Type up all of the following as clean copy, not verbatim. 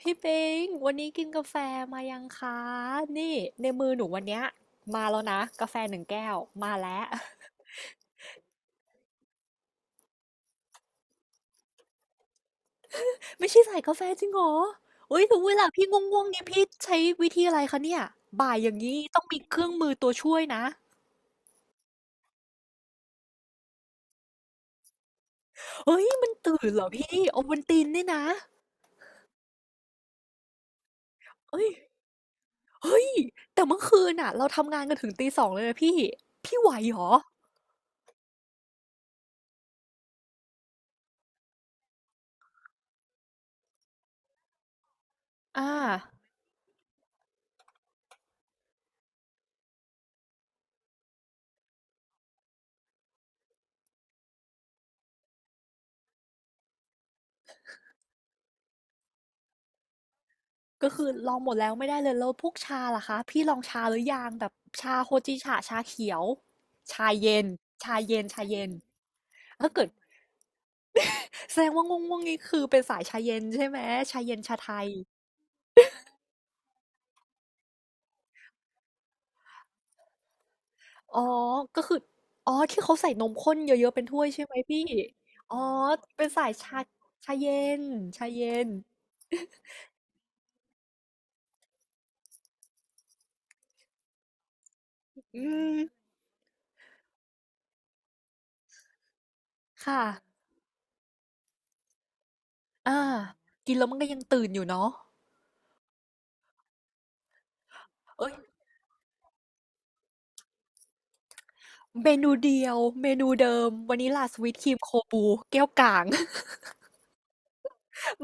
พี่ปิงวันนี้กินกาแฟมายังคะ นี่ในมือหนูวันเนี้ยมาแล้วนะกาแฟหนึ่งแก้วมาแล้ว ไม่ใช่ใส่กาแฟจริงเหรออุ้ยถึงเวลาพี่ง่วงๆเนี่ยพี่ใช้วิธีอะไรคะเนี่ยบ่ายอย่างนี้ต้องมีเครื่องมือตัวช่วยนะ เฮ้ยมันตื่นเหรอพี่โอวัลตินเนี่ยนะเฮ้ยเฮ้ยแต่เมื่อคืนน่ะเราทำงานกันถึงตี 2เลยนะพี่ไหวเหรออ่า ก็คือลองหมดแล้วไม่ได้เลยแล้วพวกชาล่ะคะพี่ลองชาหรือยังแบบชาโฮจิฉะชาเขียวชาเย็นชาเย็นชาเย็นถ้าเกิดแสดงว่าง่วงๆนี่คือเป็นสายชาเย็นใช่ไหมชาเย็นชาไทยอ๋อก็คืออ๋อที่เขาใส่นมข้นเยอะๆเป็นถ้วยใช่ไหมพี่อ๋อเป็นสายชาชาเย็นชาเย็นอืมค่ะอ่ากินแล้วมันก็ยังตื่นอยู่เนาะเอ้ย เมนูเดียวเมนูเดิมวานิลลาสวีตครีมโคบูแก้วกลาง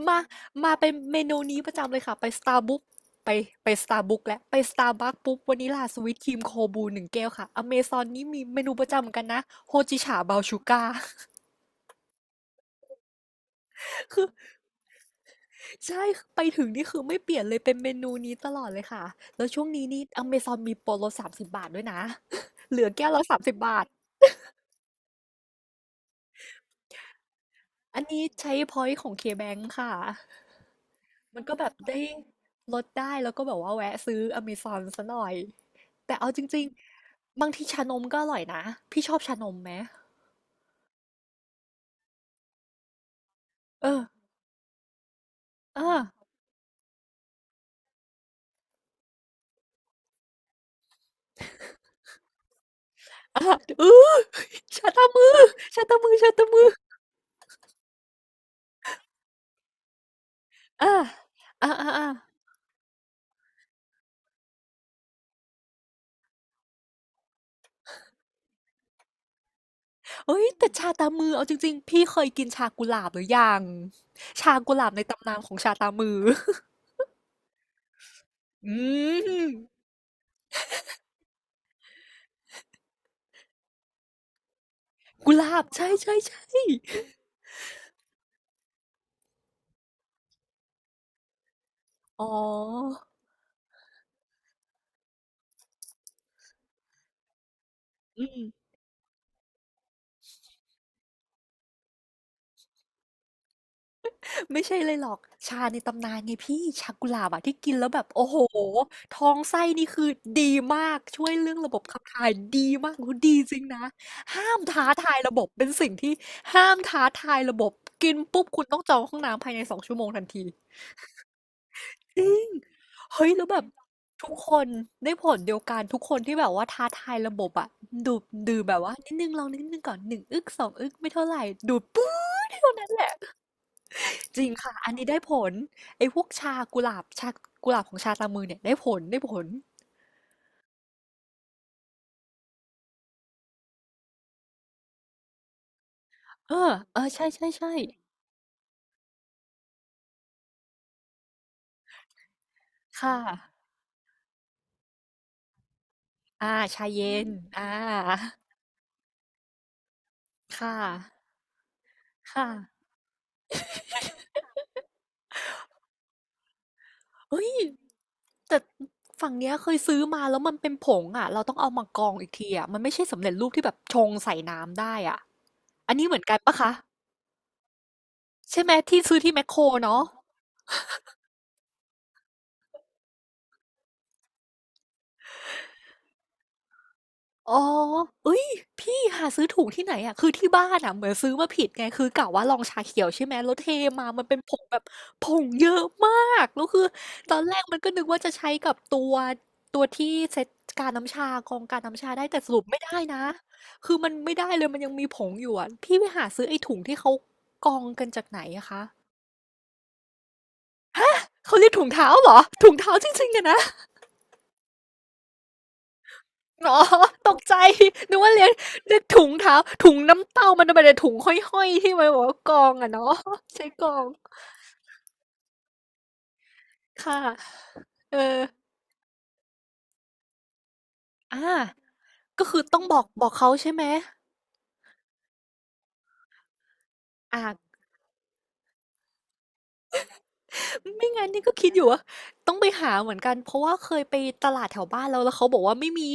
มาเป็นเมนูนี้ประจำเลยค่ะไป s t า r b บัคไปStarbucks และไปสตา r ์บัคปุ๊บวานิลลาสวีตครีมโคบูหนึ่งแก้วค่ะอเมซอนนี่มีเมนูประจำเหมือนกันนะโฮจิฉาบราวน์ชูการ์ คือใช่ไปถึงนี่คือไม่เปลี่ยนเลยเป็นเมนูนี้ตลอดเลยค่ะแล้วช่วงนี้นี่อเมซอนมีโปรลดสามสิบบาทด้วยนะ เหลือแก้วละ30 บาทอันนี้ใช้พอยต์ของเคแบงค่ะ มันก็แบบได้ลดได้แล้วก็แบบว่าแวะซื้ออเมซอนซะหน่อยแต่เอาจริงๆบางทีชานมก็อร่อยนะพี่ชอบชานมไหมเอออ่าอ่าเออ ชาตามือชาตามือชาตามืออ่าอ่าอ่าอ่าเอ้ยแต่ชาตามือเอาจริงๆพี่เคยกินชากุหลาบหรือยังชากุหลาบในตำนานของชาตามือ อืมกุหลาบใช่ใช่ใช่อ๋ออืม ไม่ใช่เลยหรอกชาในตำนานไงพี่ชากุหลาบอะที่กินแล้วแบบโอ้โหท้องไส้นี่คือดีมากช่วยเรื่องระบบขับถ่ายดีมากคุณดีจริงนะห้ามท้าทายระบบเป็นสิ่งที่ห้ามท้าทายระบบกินปุ๊บคุณต้องจองห้องน้ำภายใน2 ชั่วโมงทันทีจริงเฮ้ยแล้วแบบทุกคนได้ผลเดียวกันทุกคนที่แบบว่าท้าทายระบบอะดูดดื่มแบบว่านิดนึงลองนิดนึงก่อนหนึ่งอึกสองอึกไม่เท่าไหร่ดูดปื๊ดเท่านั้นแหละ จริงค่ะ อันนี้ได้ผลไอ้พวกชากุหลาบชากุหลาบของชาตามมือเนี่ยได้ผลได้ผลเออเออใช่ใช่ใช่ค่ะอ่าชาเย็นอ่าค่ะค่ะเฮ้ยแต่ฝั่งเนี้ยเคยซื้อมาแล้วมันเป็นผงอ่ะเราต้องเอามากรองอีกทีอ่ะมันไม่ใช่สำเร็จรูปที่แบบชงใส่น้ำได้อ่ะอันนี้เหมือนกันปะคะใช่ไหมที่ซื้อที่แมคโครเนาะ อ๋อเอ้ย พี่หาซื้อถูกที่ไหนอะคือที่บ้านอะเหมือนซื้อมาผิดไง คือกะว่าลองชาเขียวใช่ไหมแล้วเทมามันเป็นผงแบบผงเยอะมากแล้วคือตอนแรกมันก็นึกว่าจะใช้กับตัวที่เซตการน้ำชากรองการน้ำชาได้แต่สรุปไม่ได้นะคือมันไม่ได้เลย มันยังมีผงอยู่อะพี่ไปหาซื้อไอ้ถุงที่เขากรองกันจากไหนอะคะเขาเรียกถุงเท้าเหรอถุงเท้าจริงๆอะนะ อ๋อ ตกใจนึกว่าเรียนนึกถุงเท้าถุงน้ำเต้ามันเป็นแต่ถุงห้อยๆที่มันบอกว่ากองอ่ะเนาะ ใช้กองค่ะเอออ่าก็คือต้องบอกเขาใช่ไหมอ่าไม่งั้นนี่ก็คิดอยู่ว่าต้องไปหาเหมือนกันเพราะว่าเคยไปตลาดแถวบ้านแล้วเขาบอกว่าไม่มี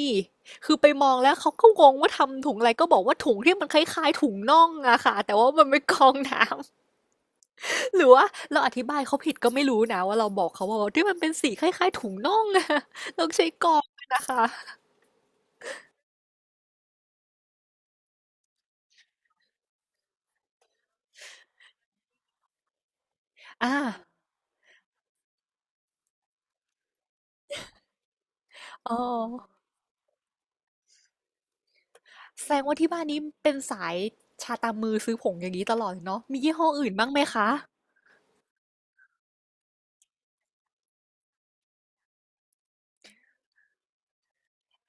คือไปมองแล้วเขาก็งงว่าทำถุงอะไรก็บอกว่าถุงที่มันคล้ายๆถุงน่องอะค่ะแต่ว่ามันเป็นกองน้ำ หรือว่าเราอธิบายเขาผิดก็ไม่รู้นะว่าเราบอกเขาว่าที่มันเป็นสีคล้ายๆถุงน่องอะ ต้องใช้กรองด้วยนะคะอาอ๋อแสดงว่าที่บ้านนี้เป็นสายชาตามมือซื้อผงอย่างนี้ตลอดเนาะมียี่ห้ออื่นบ้างไหมคะ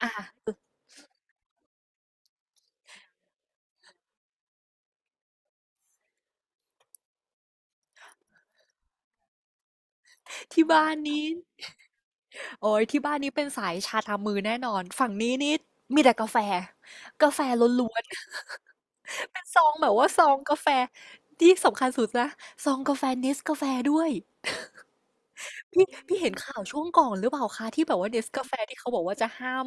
อาที่บ้านนี้โอ้ยที่บ้านนี้เป็นสายชาตามมือแน่นอนฝั่งนี้นี่มีแต่กาแฟกาแฟล้วนๆ เป็นซองแบบว่าซองกาแฟที่สำคัญสุดนะซองกาแฟ NES กาแฟด้วย พี่เห็นข่าวช่วงก่อนหรือเปล่าคะที่แบบว่า Nescafe ที่เขาบอกว่าจะห้าม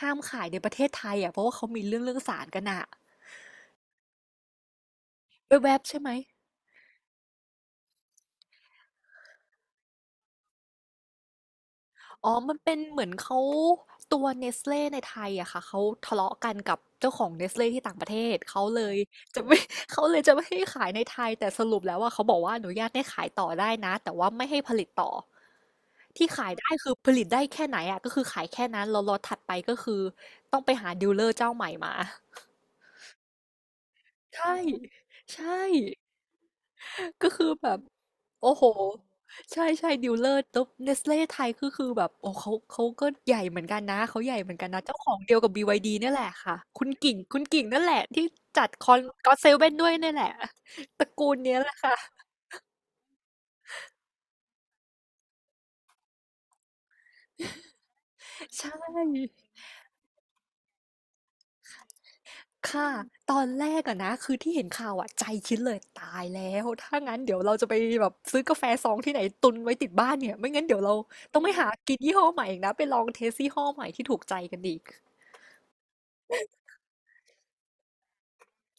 ห้ามขายในประเทศไทยอะเพราะว่าเขามีเรื่องสารกันน่ะแวบๆใช่ไหมอ๋อมันเป็นเหมือนเขาตัว Nestle ในไทยอะค่ะเขาทะเลาะกันกับเจ้าของ Nestle ที่ต่างประเทศเขาเลยจะไม่ เขาเลยจะไม่ให้ขายในไทยแต่สรุปแล้วอะเขาบอกว่าอนุญาตให้ขายต่อได้นะแต่ว่าไม่ให้ผลิตต่อที่ขายได้คือผลิตได้แค่ไหนอะก็คือขายแค่นั้นแล้วล็อตถัดไปก็คือต้องไปหาดีลเลอร์เจ้าใหม่มา ใช่ ใช่ ก็คือแบบ โอ้โห ใช่ ใช่ดีลเลอร์ตุ๊บเนสเล e ไทยก็คือแบบโอ้เขาก็ใหญ่เหมือนกันนะเขาใหญ่เหมือนกันนะเจ้าของเดียวกับ BYD เนี่ยแหละค่ะ คุณกิ่ง คุณกิ่งนั่นแหละที่จัดคอนก็อตเซเว่นด้วยเนี่ยแหละตระกูลเนี้ยแหละค่ะ ใช่ ค่ะตอนแรกอะนะคือที่เห็นข่าวอะใจคิดเลยตายแล้วถ้างั้นเดี๋ยวเราจะไปแบบซื้อกาแฟซองที่ไหนตุนไว้ติดบ้านเนี่ยไม่งั้นเดี๋ยวเราต้องไปหากินยี่ห้อใหม่อีกนะไปลองเทสยี่ห้อใหม่ที่ถูกใจกันอีก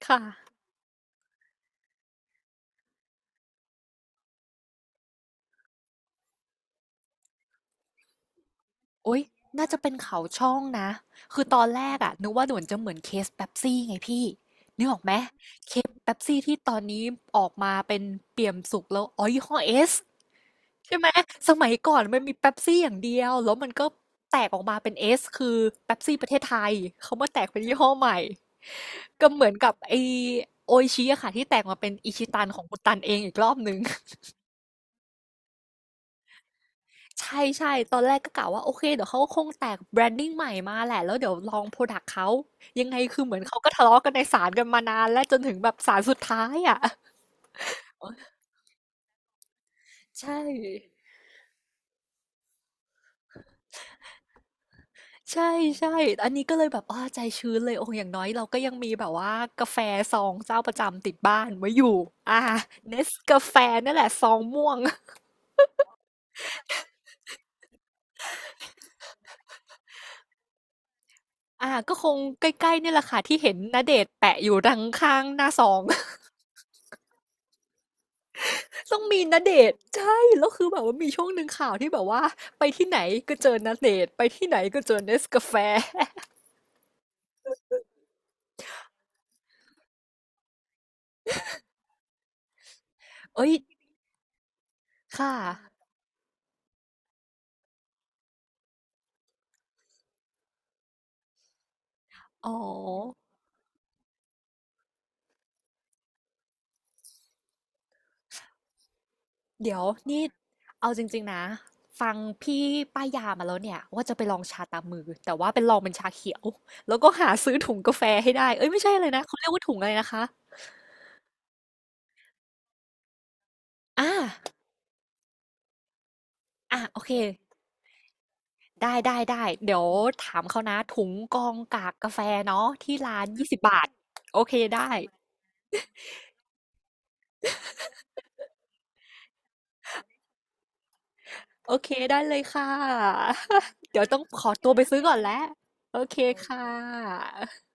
ค่ะโอ๊ยน่าจะเป็นเขาช่องนะคือตอนแรกอะนึกว่าเหมือนจะเหมือนเคสเป๊ปซี่ไงพี่นึกออกไหมเคสเป๊ปซี่ที่ตอนนี้ออกมาเป็นเปี่ยมสุกแล้วอ๋อยี่ห้อเอส ใช่ไหม สมัยก่อนมันมีเป๊ปซี่อย่างเดียว แล้วมันก็แตกออกมาเป็นเอสคือเป๊ปซี่ประเทศไทย เขามาแตกเป็นยี่ห้อใหม่ ก็เหมือนกับไอโออิชิอะค่ะที่แตกมาเป็นอิชิตันของคุณตันเองอีกรอบนึงใช่ตอนแรกก็กะว่าโอเคเดี๋ยวเขาก็คงแตกแบรนดิ้งใหม่มาแหละแล้วเดี๋ยวลองโปรดักต์เขา ยังไงคือเหมือนเขาก็ทะเลาะกันในศาลกันมานานและจนถึงแบบศาลสุดท้ายอะใช่ ใช่ใช่อันนี้ก็เลยแบบอ้าใจชื้นเลยโอ้อย่างน้อยเราก็ยังมีแบบว่ากาแฟซองเจ้าประจำติดบ้านไว้อยู่ อ่าเนสกาแฟนั่นแหละซองม่วง ก็คงใกล้ๆเนี่ยแหละค่ะที่เห็นณเดชน์แปะอยู่ดังข้างหน้าซอง ต้องมีณเดชน์ใช่แล้วคือแบบว่ามีช่วงหนึ่งข่าวที่แบบว่าไปที่ไหนก็เจอณเดชน์ไปที่ไหนก็เจอเนสกาแฟ เอ้ยค่ะอ๋อ เดี๋ยวนี่เอาจริงๆนะฟังพี่ป้ายยามาแล้วเนี่ยว่าจะไปลองชาตามมือแต่ว่าเป็นลองเป็นชาเขียวแล้วก็หาซื้อถุงกาแฟให้ได้เอ้ยไม่ใช่เลยนะเขาเรียกว่าถุงอะไรนะคะอ่าอ่ะโอเคได้ได้ได้เดี๋ยวถามเขานะถุงกองกากกาแฟเนาะที่ร้าน20 บาทโอเคได้โอเคได้เลยค่ะ เดี๋ยวต้องขอตัวไปซื้อก่อนแล้วโอเคค่ะ